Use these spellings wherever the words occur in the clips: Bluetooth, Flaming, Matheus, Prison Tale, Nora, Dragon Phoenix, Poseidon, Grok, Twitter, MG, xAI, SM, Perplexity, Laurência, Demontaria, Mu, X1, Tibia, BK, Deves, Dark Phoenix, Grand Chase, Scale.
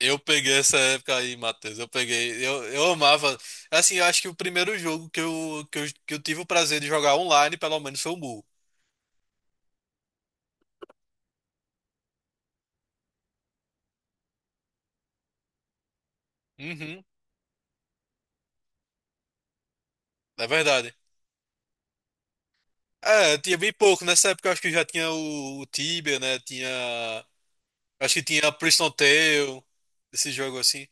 Eu peguei essa época aí, Matheus. Eu peguei. Eu amava. Assim, eu acho que o primeiro jogo que eu tive o prazer de jogar online, pelo menos, foi o Mu. Uhum, é verdade. É, tinha bem pouco. Nessa época, eu acho que já tinha o Tibia, né? Tinha. Acho que tinha Prison Tale, esse jogo assim.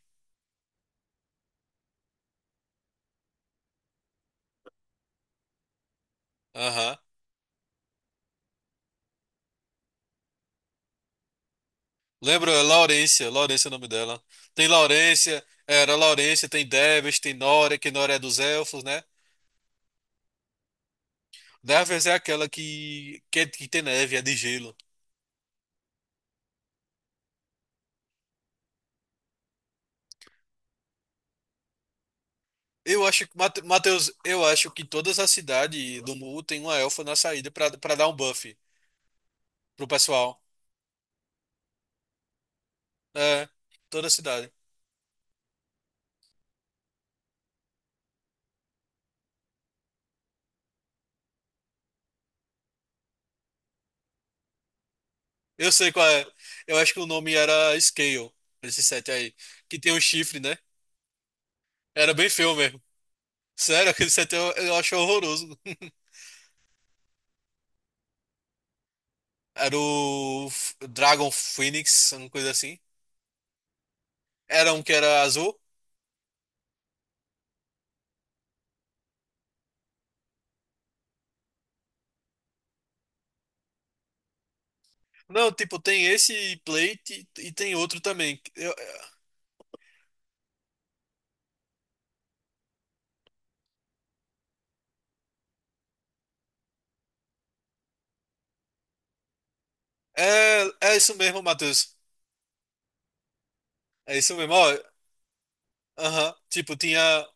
Aham. Lembra? É Laurência. Laurência é o nome dela. Tem Laurência, era Laurência, tem Deves, tem Nora, que Nora é dos elfos, né? Deves é aquela que tem neve, é de gelo. Eu acho que, Matheus, eu acho que todas as cidades do Mu tem uma elfa na saída pra dar um buff pro pessoal. É, toda a cidade. Eu sei qual é. Eu acho que o nome era Scale, esse set aí. Que tem um chifre, né? Era bem feio mesmo. Sério, aquele set eu acho horroroso. Era o Dragon Phoenix, uma coisa assim. Era um que era azul. Não, tipo, tem esse plate e tem outro também. É, é isso mesmo, Matheus. É isso mesmo. Ó. Aham. Tipo, tinha.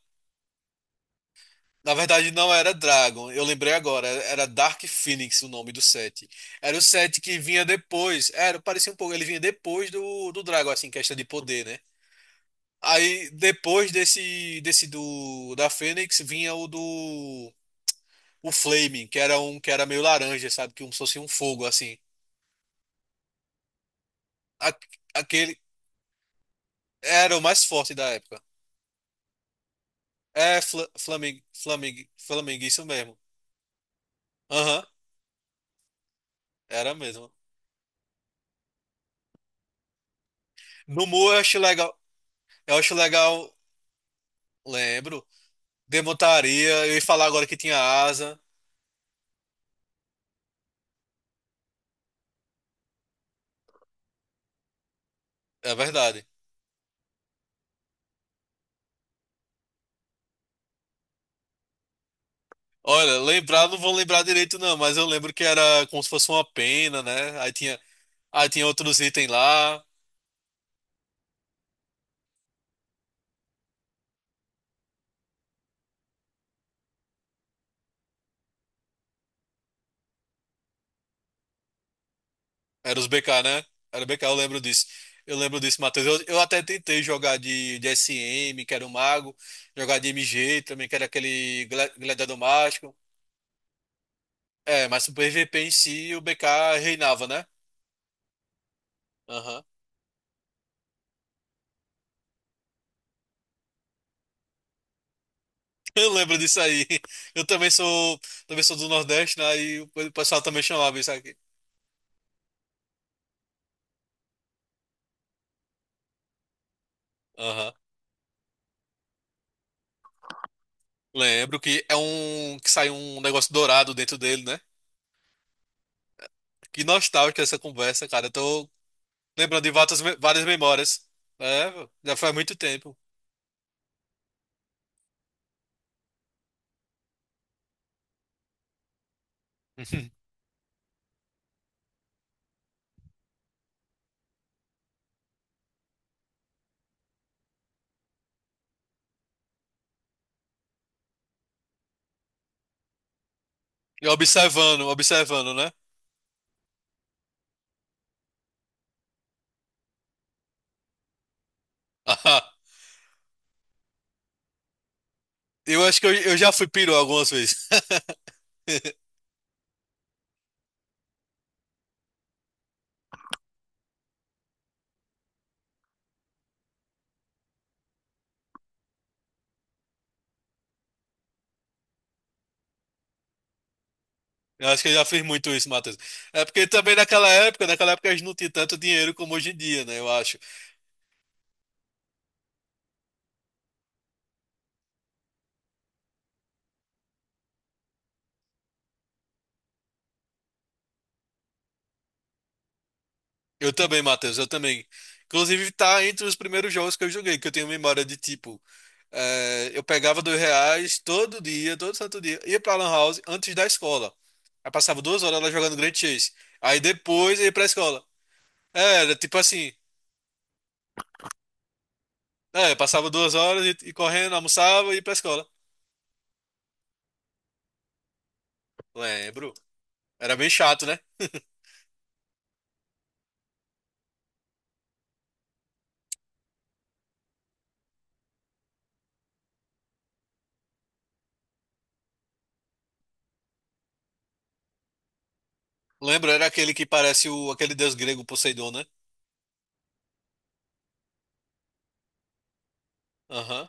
Na verdade, não era Dragon. Eu lembrei agora. Era Dark Phoenix o nome do set. Era o set que vinha depois. Era, parecia um pouco. Ele vinha depois do Dragon, assim, questão de poder, né? Aí, depois desse do da Fênix, vinha o do. O Flaming, que era um que era meio laranja, sabe? Que um, se fosse um fogo, assim. A- aquele era o mais forte da época. É, Flaming, isso mesmo. Aham, era mesmo. No Mu eu achei legal. Eu acho legal, lembro. Demontaria, eu ia falar agora que tinha asa. É verdade. Olha, lembrar, não vou lembrar direito, não, mas eu lembro que era como se fosse uma pena, né? Aí tinha outros itens lá. Era os BK, né? Era BK, eu lembro disso. Eu lembro disso, Matheus. Eu até tentei jogar de SM, que era o mago, jogar de MG também, que era aquele gladiador mágico. É, mas o PVP em si, o BK reinava, né? Aham. Eu lembro disso aí. Eu também sou do Nordeste, né? E o pessoal também chamava isso aqui. Aham. Lembro que é um que sai um negócio dourado dentro dele, né? Que nostálgica essa conversa, cara. Eu tô lembrando de várias, várias memórias. É, já faz muito tempo. E observando, observando, né? Ah, eu acho que eu já fui peru algumas vezes. Eu acho que eu já fiz muito isso, Matheus. É porque também naquela época a gente não tinha tanto dinheiro como hoje em dia, né? Eu acho. Eu também, Matheus, eu também. Inclusive, tá entre os primeiros jogos que eu joguei, que eu tenho memória de tipo. Eu pegava R$ 2 todo dia, todo santo dia, ia pra Lan House antes da escola. Aí passava 2 horas lá jogando Grand Chase. Aí depois ia pra escola. É, era tipo assim. É, passava 2 horas e correndo, almoçava e ia pra escola. Lembro. Era bem chato, né? Lembro, era aquele que parece o, aquele deus grego Poseidon, né? Aham.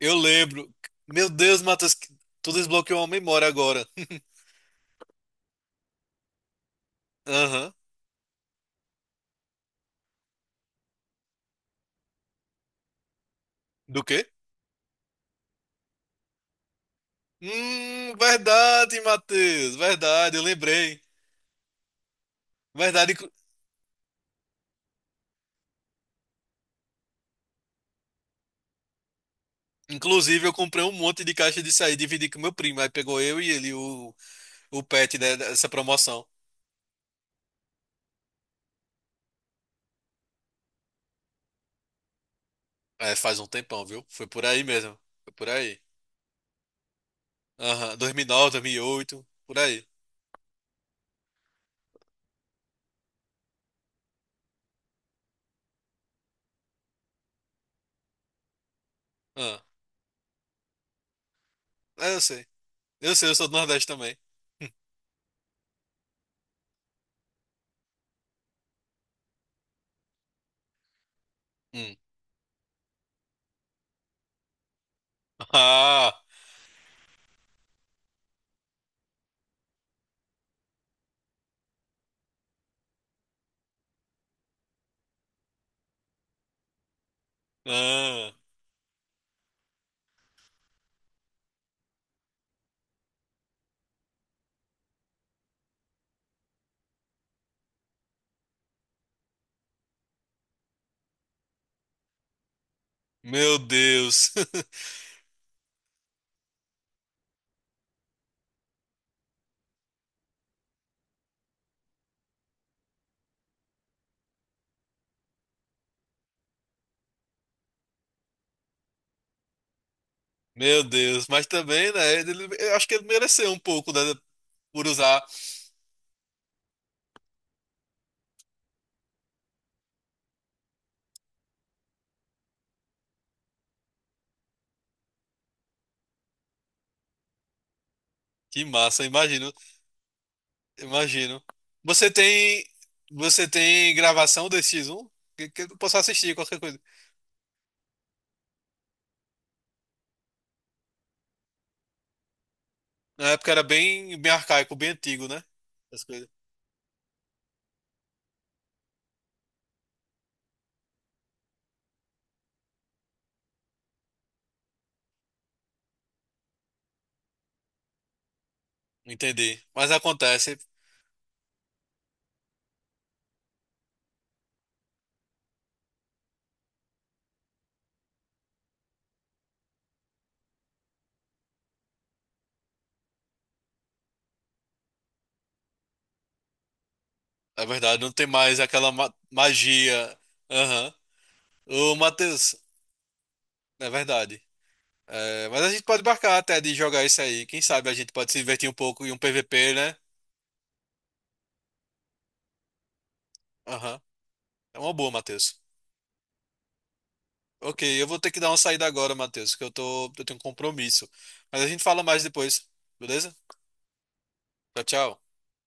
Eu lembro. Meu Deus, Matheus, tu desbloqueou uma memória agora. Aham. Do quê? Verdade, Matheus. Verdade, eu lembrei. Verdade, inclusive eu comprei um monte de caixa disso aí, dividi com meu primo. Aí pegou eu e ele o pet, né, dessa promoção. É, faz um tempão, viu? Foi por aí mesmo. Foi por aí. Aham, 2009, 2008 por aí. Ah, é, eu sei. Eu sei, eu sou do Nordeste também. Hum. Ah, ah, meu Deus. Meu Deus. Mas também, né, eu acho que ele mereceu um pouco, né, por usar. Que massa, imagino. Imagino. Você tem, você tem gravação desse X1? Que eu posso assistir, qualquer coisa. Na época era bem, bem arcaico, bem antigo, né? As coisas. Entendi. Mas acontece, é verdade, não tem mais aquela magia. Aham. Ô, Matheus, é verdade. É, mas a gente pode marcar até de jogar isso aí. Quem sabe a gente pode se divertir um pouco em um PVP, né? Aham. É uma boa, Matheus. Ok, eu vou ter que dar uma saída agora, Matheus, que eu tenho um compromisso. Mas a gente fala mais depois, beleza? Tchau, tchau.